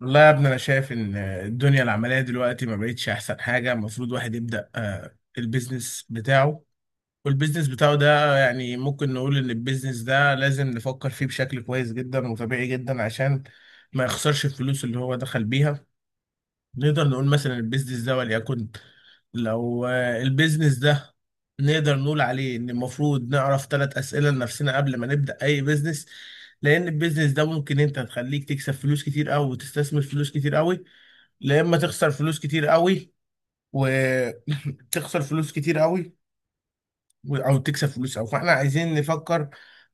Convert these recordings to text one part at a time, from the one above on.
والله يا ابني، انا شايف ان الدنيا العمليه دلوقتي ما بقتش احسن حاجه. المفروض واحد يبدا البيزنس بتاعه. والبيزنس بتاعه ده يعني ممكن نقول ان البيزنس ده لازم نفكر فيه بشكل كويس جدا وطبيعي جدا عشان ما يخسرش الفلوس اللي هو دخل بيها. نقدر نقول مثلا البيزنس ده وليكن، لو البيزنس ده، نقدر نقول عليه ان المفروض نعرف ثلاث اسئله لنفسنا قبل ما نبدا اي بيزنس. لان البيزنس ده ممكن انت تخليك تكسب فلوس كتير قوي وتستثمر فلوس كتير قوي، لا اما تخسر فلوس كتير قوي، وتخسر فلوس كتير قوي او تكسب فلوس قوي. فاحنا عايزين نفكر.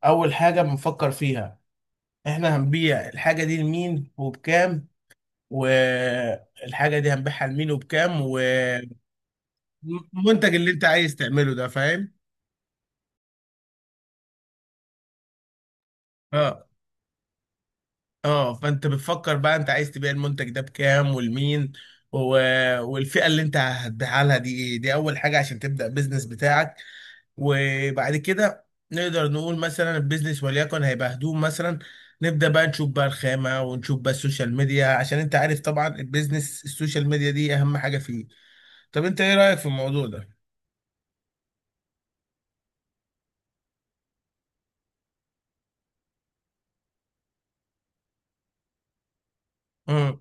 اول حاجه بنفكر فيها، احنا هنبيع الحاجه دي لمين وبكام؟ والحاجه دي هنبيعها لمين وبكام؟ والمنتج اللي انت عايز تعمله ده، فاهم؟ اه. اه، فانت بتفكر بقى انت عايز تبيع المنتج ده بكام ولمين، و... والفئه اللي انت هتبيعها لها دي ايه؟ دي اول حاجه عشان تبدا بيزنس بتاعك. وبعد كده نقدر نقول مثلا البيزنس وليكن هيبقى هدوم مثلا. نبدأ بقى نشوف بقى الخامة ونشوف بقى السوشيال ميديا، عشان انت عارف طبعا البيزنس السوشيال ميديا دي اهم حاجة فيه. طب انت ايه رأيك في الموضوع ده؟ مم.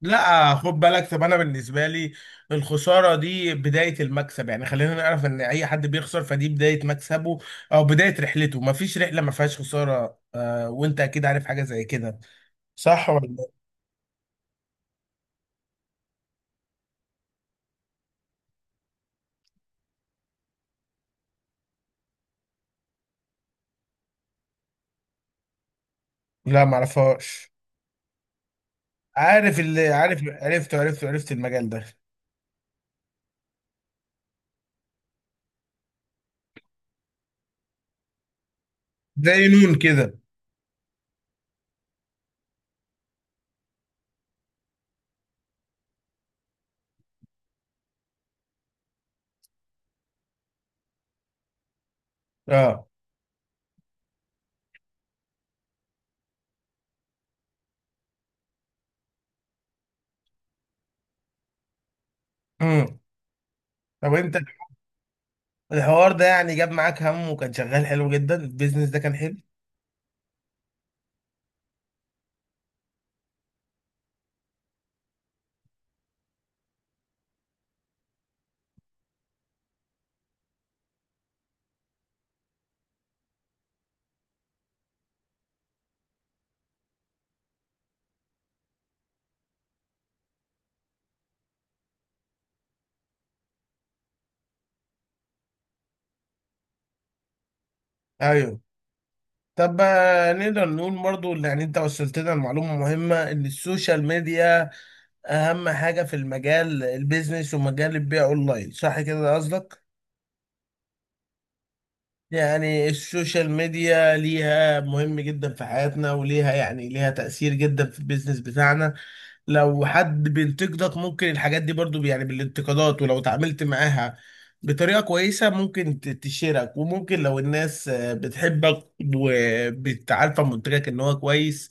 لا، خد بالك. طب انا بالنسبة لي الخسارة دي بداية المكسب. يعني خلينا نعرف ان اي حد بيخسر فدي بداية مكسبه، او بداية رحلته. مفيش رحلة ما فيهاش خسارة، آه، وانت اكيد عارف حاجة زي كده. صح ولا؟ لا، معرفهاش. عارف اللي عارف، عرفته عرفته، عرفت المجال ده. زي نون كده. اه. امم. طب انت الحوار ده يعني جاب معاك هم، وكان شغال حلو جدا. البيزنس ده كان حلو. ايوه. طب نقدر نقول برضو اللي يعني انت وصلت لنا المعلومة مهمة، ان السوشيال ميديا اهم حاجة في المجال البيزنس ومجال البيع اونلاين. صح كده، ده قصدك؟ يعني السوشيال ميديا ليها مهم جدا في حياتنا، وليها يعني ليها تأثير جدا في البيزنس بتاعنا. لو حد بينتقدك ممكن الحاجات دي برضو يعني بالانتقادات، ولو اتعاملت معاها بطريقة كويسة ممكن تشيرك. وممكن لو الناس بتحبك، وبتعرف منتجك ان هو كويس،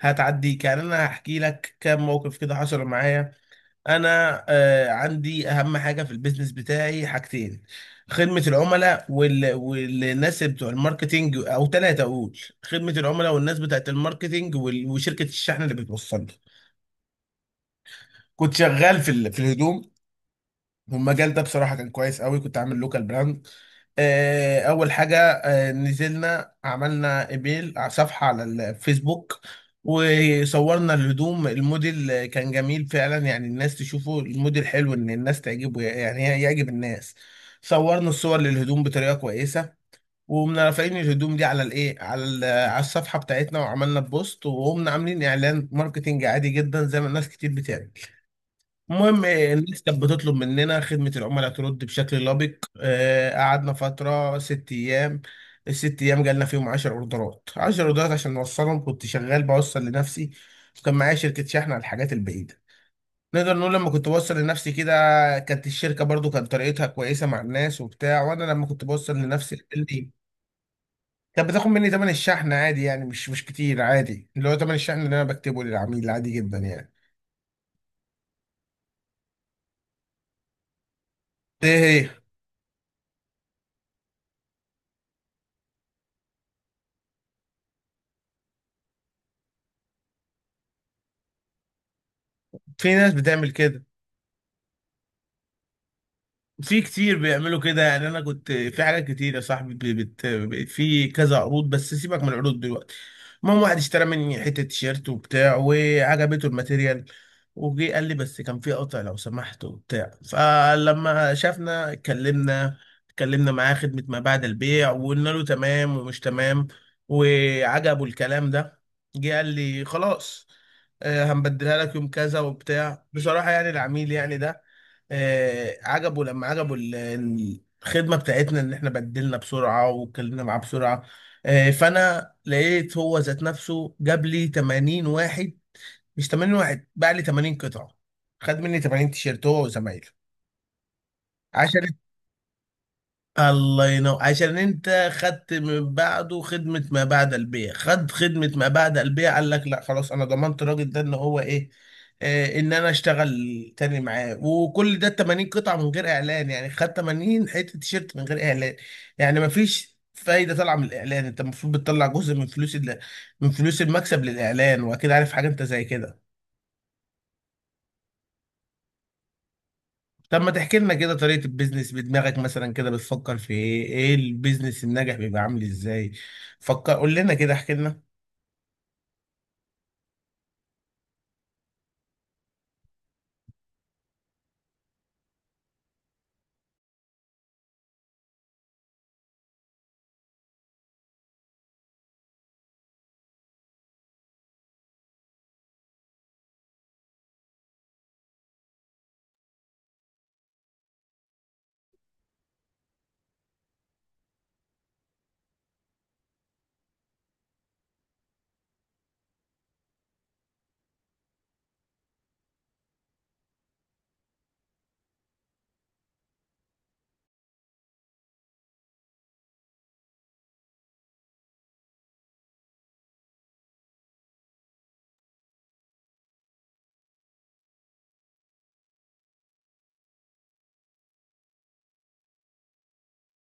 هتعديك. يعني انا هحكي لك كام موقف كده حصل معايا. انا عندي اهم حاجة في البيزنس بتاعي حاجتين: خدمة العملاء والناس بتوع الماركتينج. او ثلاثة، اقول خدمة العملاء، والناس بتاعت الماركتينج، وشركة الشحن اللي بتوصل. كنت شغال في الهدوم، والمجال ده بصراحه كان كويس قوي. كنت عامل لوكال براند. اول حاجه، نزلنا عملنا ايميل على صفحه على الفيسبوك، وصورنا الهدوم. الموديل كان جميل فعلا، يعني الناس تشوفه الموديل حلو، ان الناس تعجبه يعني يعجب الناس. صورنا الصور للهدوم بطريقه كويسه، وقمنا رافعين الهدوم دي على الايه، على على الصفحه بتاعتنا، وعملنا بوست، وقمنا عاملين اعلان ماركتينج عادي جدا زي ما الناس كتير بتعمل. المهم الناس كانت بتطلب مننا، خدمة العملاء ترد بشكل لبق. قعدنا فترة ست أيام. الست أيام جالنا فيهم عشر أوردرات. عشر أوردرات عشان نوصلهم كنت شغال بوصل لنفسي. وكان معايا شركة شحن على الحاجات البعيدة. نقدر نقول لما كنت بوصل لنفسي كده، كانت الشركة برضو كانت طريقتها كويسة مع الناس وبتاع. وأنا لما كنت بوصل لنفسي اللي كانت بتاخد مني تمن الشحن عادي، يعني مش كتير، عادي، اللي هو تمن الشحن اللي أنا بكتبه للعميل عادي جدا يعني. إيه؟ هي، في ناس بتعمل كده. في كتير بيعملوا كده. يعني انا كنت في حاجات كتير يا صاحبي، في كذا عروض، بس سيبك من العروض دلوقتي. المهم، واحد اشترى مني حته تيشيرت وبتاع، وعجبته الماتيريال، وجي قال لي بس كان في قطع لو سمحت وبتاع. فلما شافنا، اتكلمنا معاه خدمه ما بعد البيع، وقلنا له تمام ومش تمام، وعجبه الكلام ده. جه قال لي خلاص، هنبدلها لك يوم كذا وبتاع. بصراحه يعني العميل يعني ده عجبه. لما عجبه الخدمه بتاعتنا ان احنا بدلنا بسرعه واتكلمنا معاه بسرعه، فانا لقيت هو ذات نفسه جاب لي 80 واحد. مش 80 واحد، باع لي 80 قطعه. خد مني 80 تيشيرت هو وزمايله. عشان، الله ينور، عشان انت خدت من بعده خدمة ما بعد البيع. خد خدمة ما بعد البيع، قال لك لا خلاص، انا ضمنت الراجل ده ان هو ايه، ان انا اشتغل تاني معاه. وكل ده 80 قطعة من غير اعلان. يعني خد 80 حتة تيشيرت من غير اعلان. يعني مفيش فايدة طالعة من الاعلان. انت المفروض بتطلع جزء من فلوس من فلوس المكسب للاعلان. واكيد عارف حاجة انت زي كده. طب ما تحكي لنا كده طريقة البيزنس بدماغك، مثلا كده بتفكر في ايه؟ ايه البيزنس الناجح بيبقى عامل ازاي؟ فكر، قول لنا كده، احكي لنا.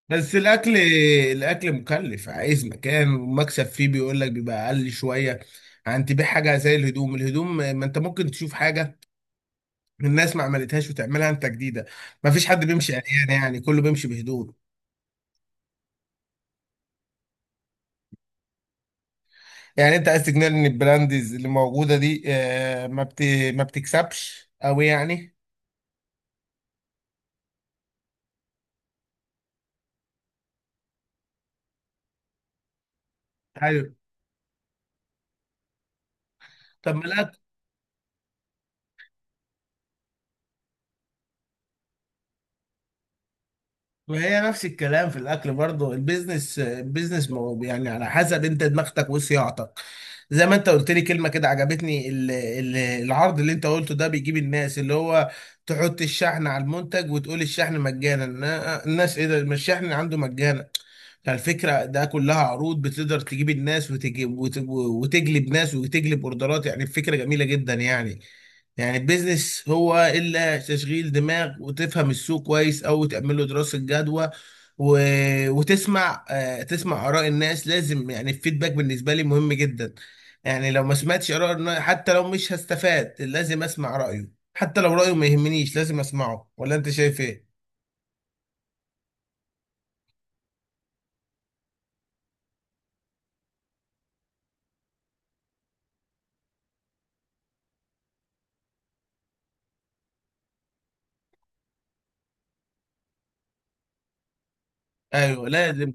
بس الاكل، الاكل مكلف، عايز مكان، ومكسب فيه بيقول لك بيبقى اقل شوية عن تبيع حاجة زي الهدوم. الهدوم، ما انت ممكن تشوف حاجة الناس ما عملتهاش وتعملها انت جديدة. ما فيش حد بيمشي عريان يعني، كله بيمشي بهدوم. يعني انت عايز تقنعني ان البراندز اللي موجودة دي، ما بتكسبش، او يعني؟ ايوه. طب ما الاكل، وهي نفس الكلام في الاكل برضه. البيزنس يعني على حسب انت دماغتك وصياعتك. زي ما انت قلت لي كلمه كده عجبتني، العرض اللي انت قلته ده بيجيب الناس، اللي هو تحط الشحن على المنتج وتقول الشحن مجانا. الناس ايه ده، ما الشحن عنده مجانا. فالفكره ده كلها عروض بتقدر تجيب الناس، وتجيب وتجلب ناس، وتجلب اوردرات. يعني الفكره جميله جدا يعني. يعني البيزنس هو الا تشغيل دماغ، وتفهم السوق كويس، او تعمل له دراسه جدوى، و... وتسمع، تسمع اراء الناس. لازم، يعني الفيدباك بالنسبه لي مهم جدا. يعني لو ما سمعتش اراء حتى لو مش هستفاد لازم اسمع رايه. حتى لو رايه ما يهمنيش لازم اسمعه. ولا انت شايف ايه؟ ايوه لازم.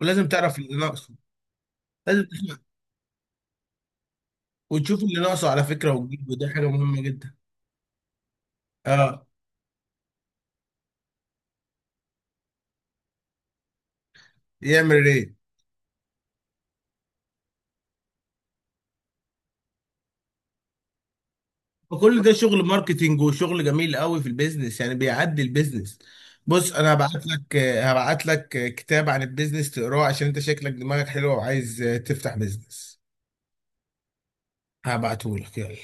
ولازم تعرف اللي ناقصه. لازم تشوف- وتشوف اللي ناقصه على فكره وتجيبه، ده حاجه مهمه جدا. اه. يعمل ايه؟ فكل ده شغل ماركتينج وشغل جميل قوي في البيزنس. يعني بيعدي البيزنس. بص، انا هبعت لك كتاب عن البيزنس تقراه عشان انت شكلك دماغك حلوه وعايز تفتح بيزنس. هبعته لك يلا.